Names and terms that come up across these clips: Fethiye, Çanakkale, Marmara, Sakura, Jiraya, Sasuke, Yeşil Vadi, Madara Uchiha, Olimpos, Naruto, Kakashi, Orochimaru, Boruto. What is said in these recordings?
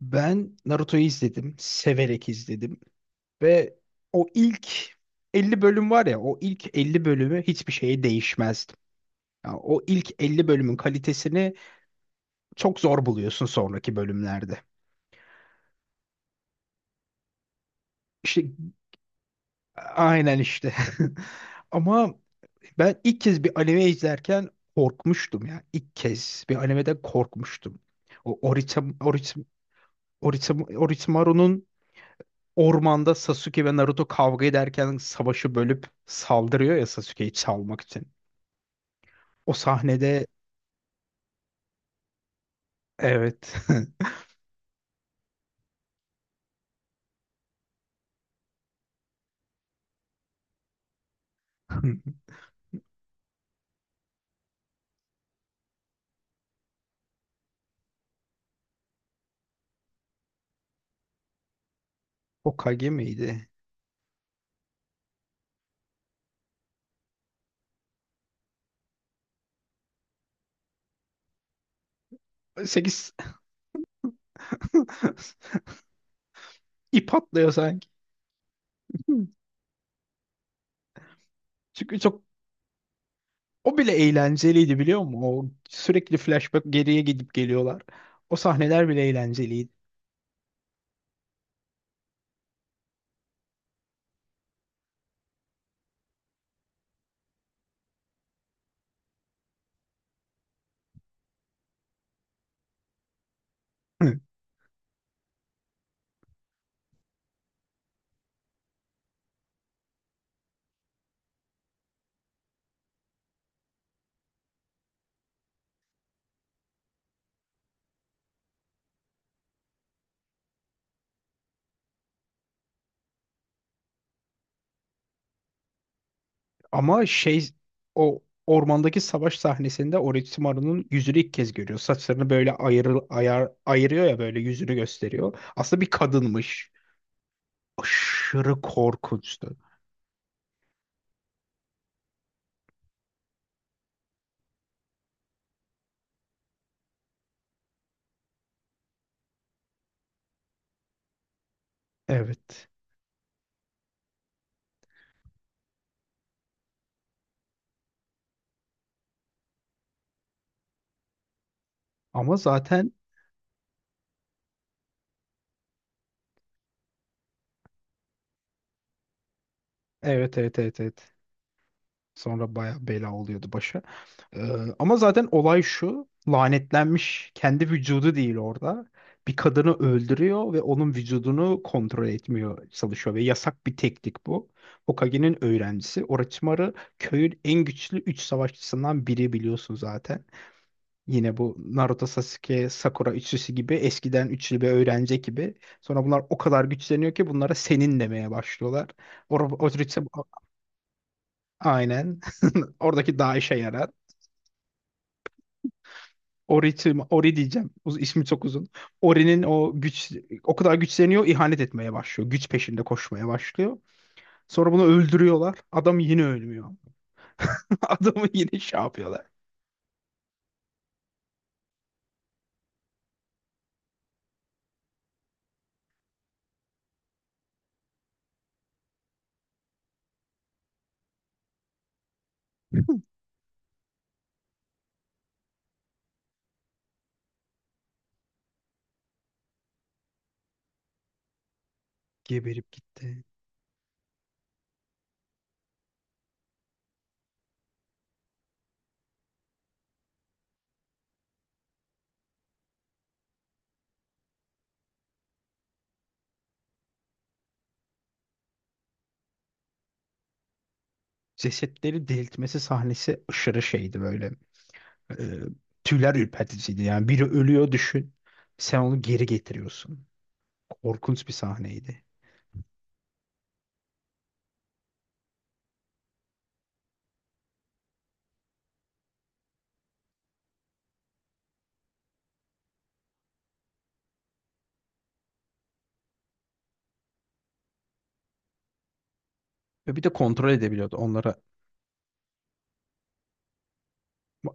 Ben Naruto'yu izledim. Severek izledim. Ve o ilk 50 bölüm var ya, o ilk 50 bölümü hiçbir şeye değişmezdim. Ya o ilk 50 bölümün kalitesini çok zor buluyorsun sonraki bölümlerde. İşte aynen işte. Ama ben ilk kez bir anime izlerken korkmuştum ya. İlk kez bir animeden korkmuştum. O Orochimaru'nun ormanda Sasuke ve Naruto kavga ederken savaşı bölüp saldırıyor ya, Sasuke'yi çalmak için. O sahnede, evet. Hokage miydi? 8. ip atlıyor sanki. Çünkü çok o bile eğlenceliydi, biliyor musun? O sürekli flashback, geriye gidip geliyorlar. O sahneler bile eğlenceliydi. Ama şey, o ormandaki savaş sahnesinde Orochimaru'nun yüzünü ilk kez görüyor. Saçlarını böyle ayırıyor ya, böyle yüzünü gösteriyor. Aslında bir kadınmış. Aşırı korkunçtu. Evet. Ama zaten evet, evet, evet, evet. Sonra baya bela oluyordu başa. Ee, Ama zaten olay şu. Lanetlenmiş kendi vücudu değil orada. Bir kadını öldürüyor ve onun vücudunu kontrol etmiyor, çalışıyor ve yasak bir teknik bu. Hokage'nin öğrencisi Orochimaru, köyün en güçlü 3 savaşçısından biri, biliyorsun zaten. Yine bu Naruto, Sasuke, Sakura üçlüsü gibi eskiden üçlü bir öğrenci gibi. Sonra bunlar o kadar güçleniyor ki bunlara senin demeye başlıyorlar. Orochimaru. Aynen. Oradaki daha işe yarar. Ori diyeceğim. Uz- ismi çok uzun. Ori'nin o güç, o kadar güçleniyor, ihanet etmeye başlıyor. Güç peşinde koşmaya başlıyor. Sonra bunu öldürüyorlar. Adam yine ölmüyor. Adamı yine şey yapıyorlar. Geberip gitti. Cesetleri diriltmesi sahnesi aşırı şeydi böyle. E, tüyler ürperticiydi. Yani biri ölüyor düşün. Sen onu geri getiriyorsun. Korkunç bir sahneydi. Ve bir de kontrol edebiliyordu onlara. Ba-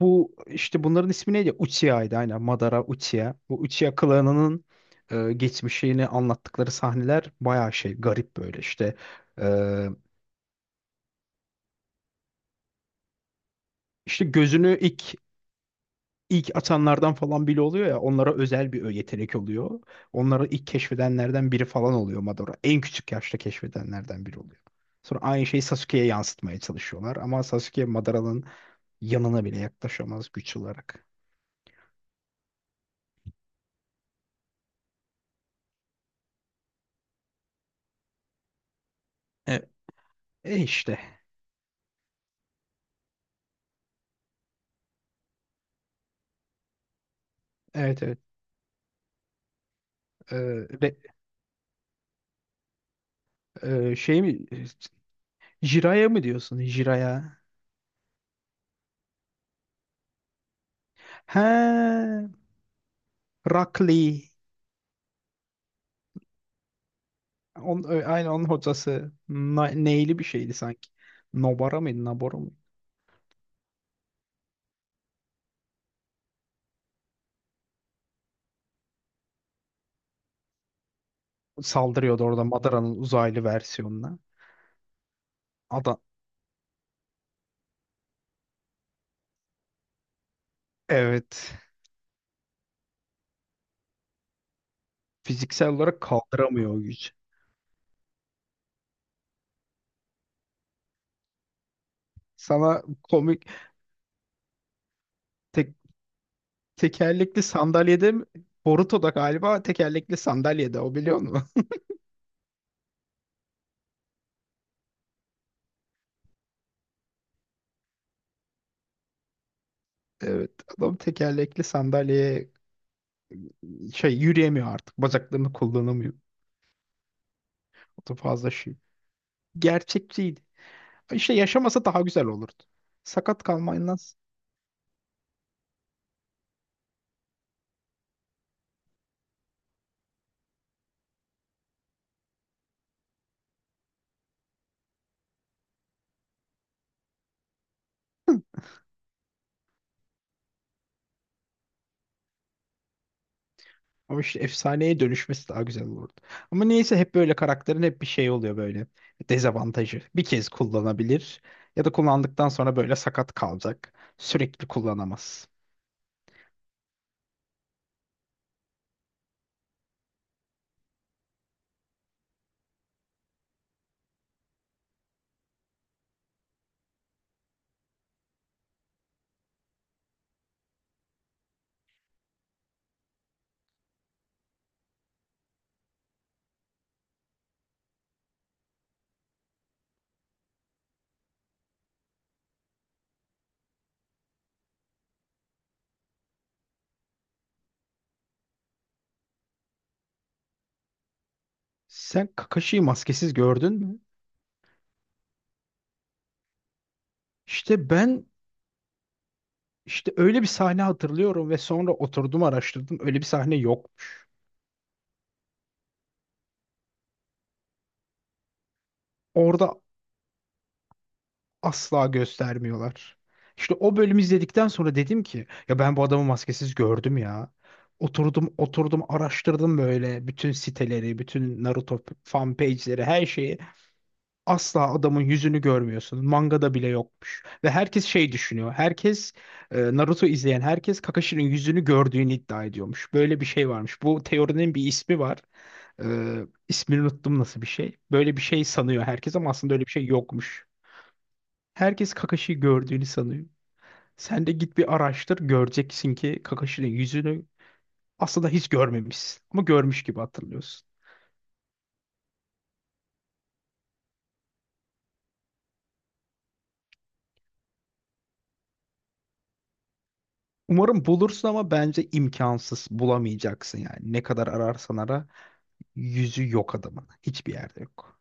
Bu işte, bunların ismi neydi? Uchiha'ydı aynen. Madara Uchiha. Bu Uchiha klanının geçmişini anlattıkları sahneler bayağı şey, garip böyle işte. E, işte gözünü ilk atanlardan falan bile oluyor ya, onlara özel bir yetenek oluyor. Onları ilk keşfedenlerden biri falan oluyor Madara. En küçük yaşta keşfedenlerden biri oluyor. Sonra aynı şeyi Sasuke'ye yansıtmaya çalışıyorlar ama Sasuke, Madara'nın yanına bile yaklaşamaz güç olarak. E, e işte. Evet, evet. E, re- şey mi? Jiraya mı diyorsun? Jiraya? He, Rock On, aynı onun hocası. Neyli bir şeydi sanki. Nobara mıydı? Nabora mı? Saldırıyordu orada Madara'nın uzaylı versiyonuna. Adam, evet, fiziksel olarak kaldıramıyor o gücü. Sana komik tek, tekerlekli sandalyede mi? Boruto'da galiba tekerlekli sandalyede o, biliyor musun? Evet, adam tekerlekli sandalyeye şey, yürüyemiyor artık, bacaklarını kullanamıyor. O da fazla şey. Gerçekçiydi. İşte yaşamasa daha güzel olurdu. Sakat kalmayından. Ama işte efsaneye dönüşmesi daha güzel olurdu. Ama neyse, hep böyle karakterin hep bir şey oluyor böyle. Dezavantajı. Bir kez kullanabilir ya da kullandıktan sonra böyle sakat kalacak. Sürekli kullanamaz. Sen Kakashi'yi maskesiz gördün mü? İşte ben, işte öyle bir sahne hatırlıyorum ve sonra oturdum, araştırdım. Öyle bir sahne yokmuş. Orada asla göstermiyorlar. İşte o bölümü izledikten sonra dedim ki ya, ben bu adamı maskesiz gördüm ya. Oturdum, oturdum, araştırdım böyle bütün siteleri, bütün Naruto fan page'leri, her şeyi. Asla adamın yüzünü görmüyorsun. Mangada bile yokmuş. Ve herkes şey düşünüyor. Herkes, Naruto izleyen herkes Kakashi'nin yüzünü gördüğünü iddia ediyormuş. Böyle bir şey varmış. Bu teorinin bir ismi var. E, ismini unuttum nasıl bir şey. Böyle bir şey sanıyor herkes ama aslında öyle bir şey yokmuş. Herkes Kakashi'yi gördüğünü sanıyor. Sen de git bir araştır, göreceksin ki Kakashi'nin yüzünü aslında hiç görmemişsin. Ama görmüş gibi hatırlıyorsun. Umarım bulursun ama bence imkansız, bulamayacaksın yani. Ne kadar ararsan ara, yüzü yok adamın. Hiçbir yerde yok.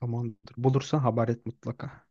Tamamdır. Bulursan haber et mutlaka.